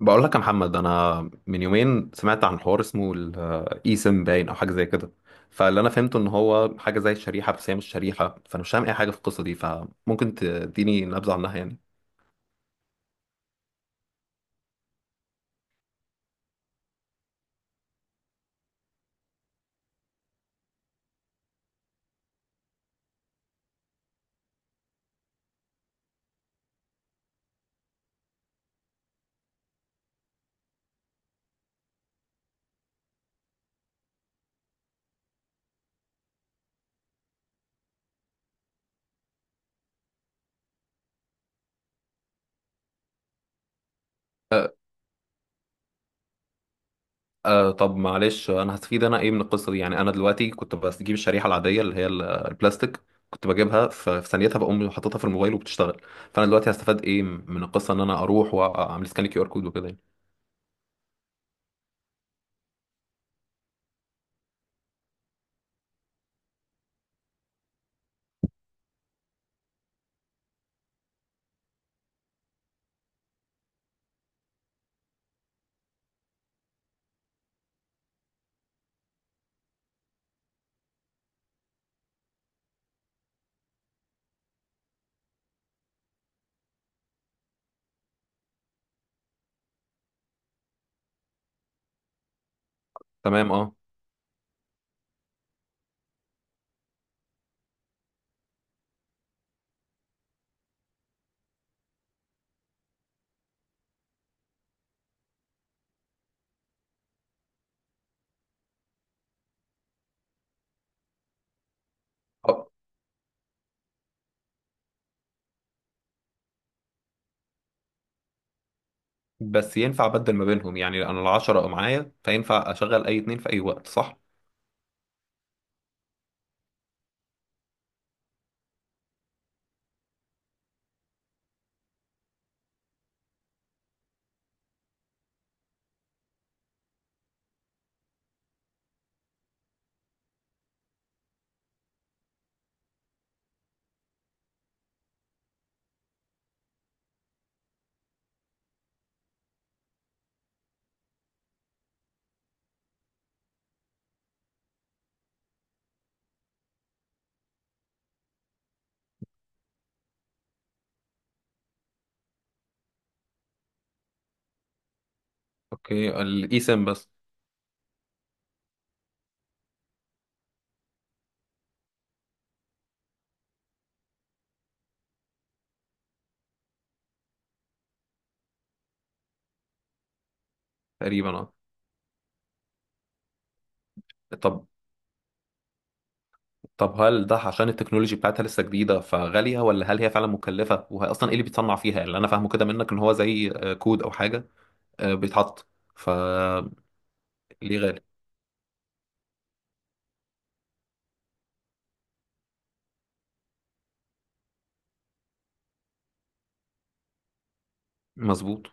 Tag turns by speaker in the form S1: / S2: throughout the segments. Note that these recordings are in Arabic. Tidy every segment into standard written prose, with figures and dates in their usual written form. S1: بقول لك يا محمد، انا من يومين سمعت عن حوار اسمه الاي سم باين او حاجه زي كده. فاللي انا فهمته ان هو حاجه زي الشريحه، بس هي مش شريحه، فانا مش فاهم اي حاجه في القصه دي، فممكن تديني نبذه عنها يعني. أه طب معلش، انا هستفيد انا ايه من القصه دي يعني؟ انا دلوقتي كنت بجيب الشريحه العاديه اللي هي البلاستيك، كنت بجيبها في ثانيتها بقوم حاططها في الموبايل وبتشتغل. فانا دلوقتي هستفاد ايه من القصه؟ ان انا اروح واعمل سكان كيو ار كود وكده يعني. تمام اه. بس ينفع أبدل ما بينهم يعني، أنا العشرة أو معايا، فينفع أشغل أي اتنين في أي وقت صح؟ أوكي، الإي سيم بس؟ تقريبا أه. طب طب هل ده عشان التكنولوجي بتاعتها لسه جديدة فغالية، ولا هل هي فعلا مكلفة؟ وهي أصلا إيه اللي بيتصنع فيها؟ اللي أنا فاهمه كده منك إن هو زي كود أو حاجة بيتحط، فليه غالي؟ مظبوط.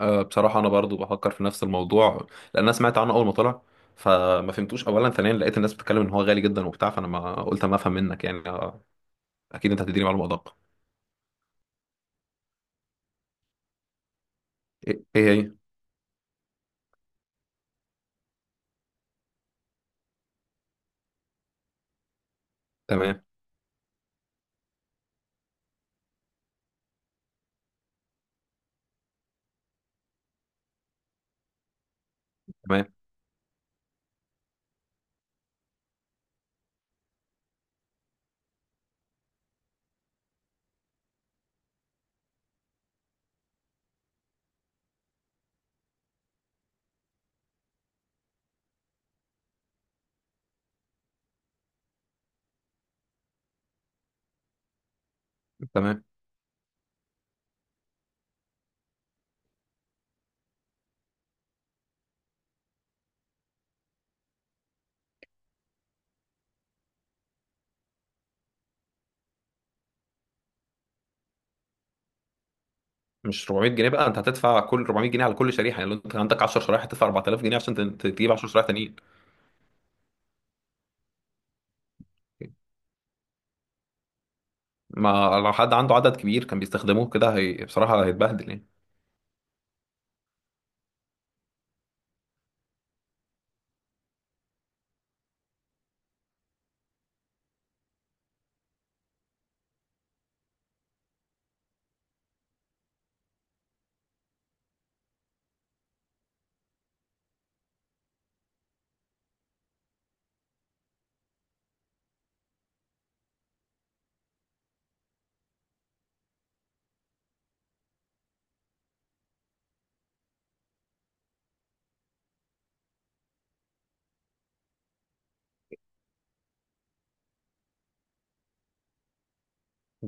S1: بصراحة أنا برضو بفكر في نفس الموضوع لأن أنا سمعت عنه أول ما طلع، فما فهمتوش. أولا ثانيا لقيت الناس بتتكلم إن هو غالي جدا وبتاع، فأنا ما قلت أما أفهم منك يعني. أكيد أنت هتديني معلومة أدق. ايه إيه هي؟ تمام. تمام. تمام. مش 400 جنيه بقى، انت هتدفع كل 400 جنيه على كل شريحه، يعني لو انت عندك 10 شرايح هتدفع 4000 جنيه عشان تجيب 10 شرايح تانيين. ما لو حد عنده عدد كبير كان بيستخدموه كده، هي بصراحه هيتبهدل يعني.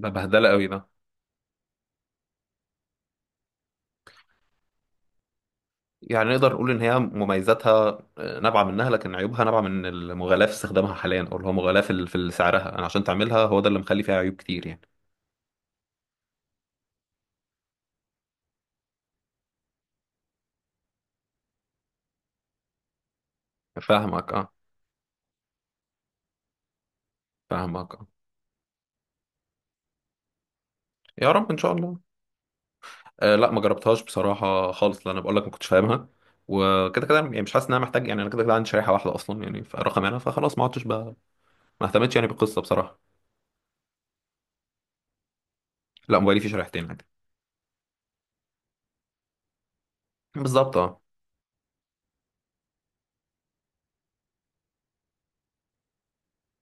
S1: ده بهدله قوي ده. يعني نقدر نقول ان هي مميزاتها نابعه منها، لكن عيوبها نابعه من المغالاة في استخدامها حاليا، او اللي هو مغالاة في سعرها انا، عشان تعملها، هو ده اللي مخلي فيها عيوب كتير يعني. فاهمك اه. فاهمك اه. يا رب ان شاء الله. آه لا، ما جربتهاش بصراحة خالص لأن أنا بقول لك ما كنتش فاهمها، وكده كده يعني مش حاسس إن أنا محتاج. يعني أنا كده كده عندي شريحة واحدة أصلا يعني، فرقم أنا فخلاص ما عدتش بقى، ما اهتمتش يعني بالقصة بصراحة. لا، موبايلي فيه شريحتين عادي. بالظبط أه.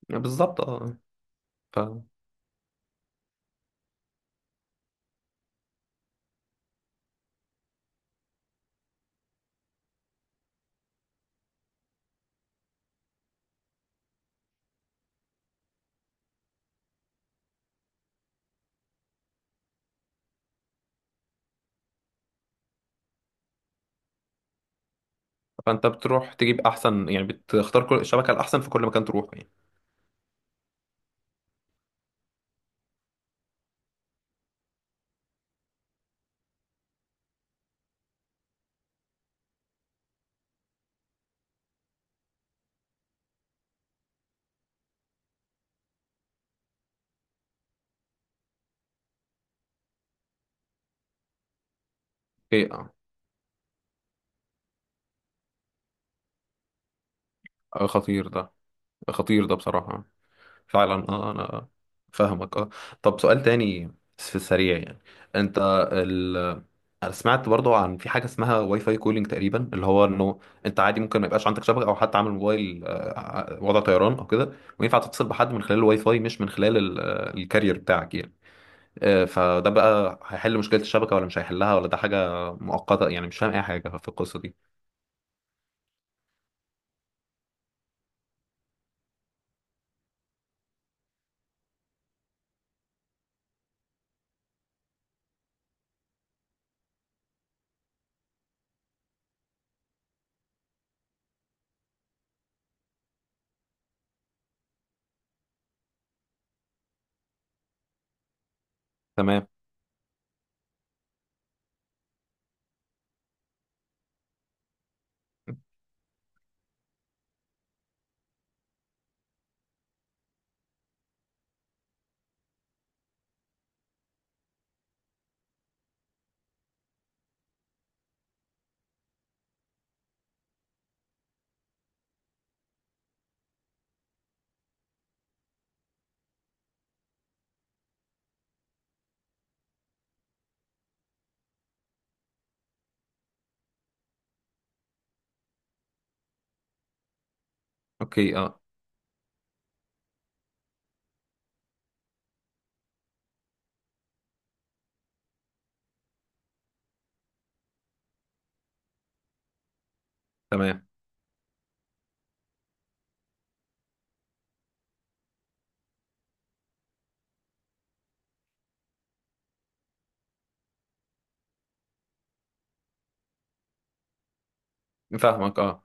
S1: بالظبط أه. ف... فأنت بتروح تجيب أحسن يعني، بتختار كل الشبكة الأحسن في كل مكان تروح يعني؟ إيه. خطير ده. خطير ده بصراحة. فعلا اه. انا فاهمك اه. طب سؤال تاني في السريع يعني، انت ال... انا سمعت برضو عن في حاجه اسمها واي فاي كولينج تقريبا، اللي هو انه انت عادي ممكن ما يبقاش عندك شبكه، او حتى عامل موبايل وضع طيران او كده، وينفع تتصل بحد من خلال الواي فاي مش من خلال الكارير بتاعك يعني. فده بقى هيحل مشكله الشبكه ولا مش هيحلها، ولا ده حاجه مؤقته؟ يعني مش فاهم اي حاجه في القصه دي. تمام. اوكي اه. تمام. فاهمك اه.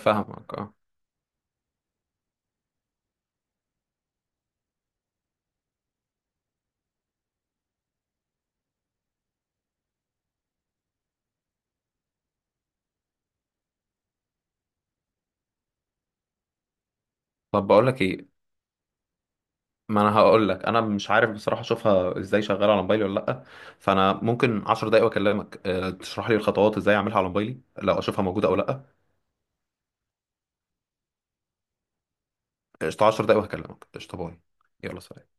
S1: فاهمك اه. طب بقول لك ايه، ما انا هقول لك انا مش عارف بصراحه اشوفها ازاي شغاله على موبايلي ولا لا، فانا ممكن 10 دقايق واكلمك تشرح لي الخطوات ازاي اعملها على موبايلي لو اشوفها موجوده او لا. قشطه، 10 دقايق وهكلمك. قشطه، باي. يلا سلام.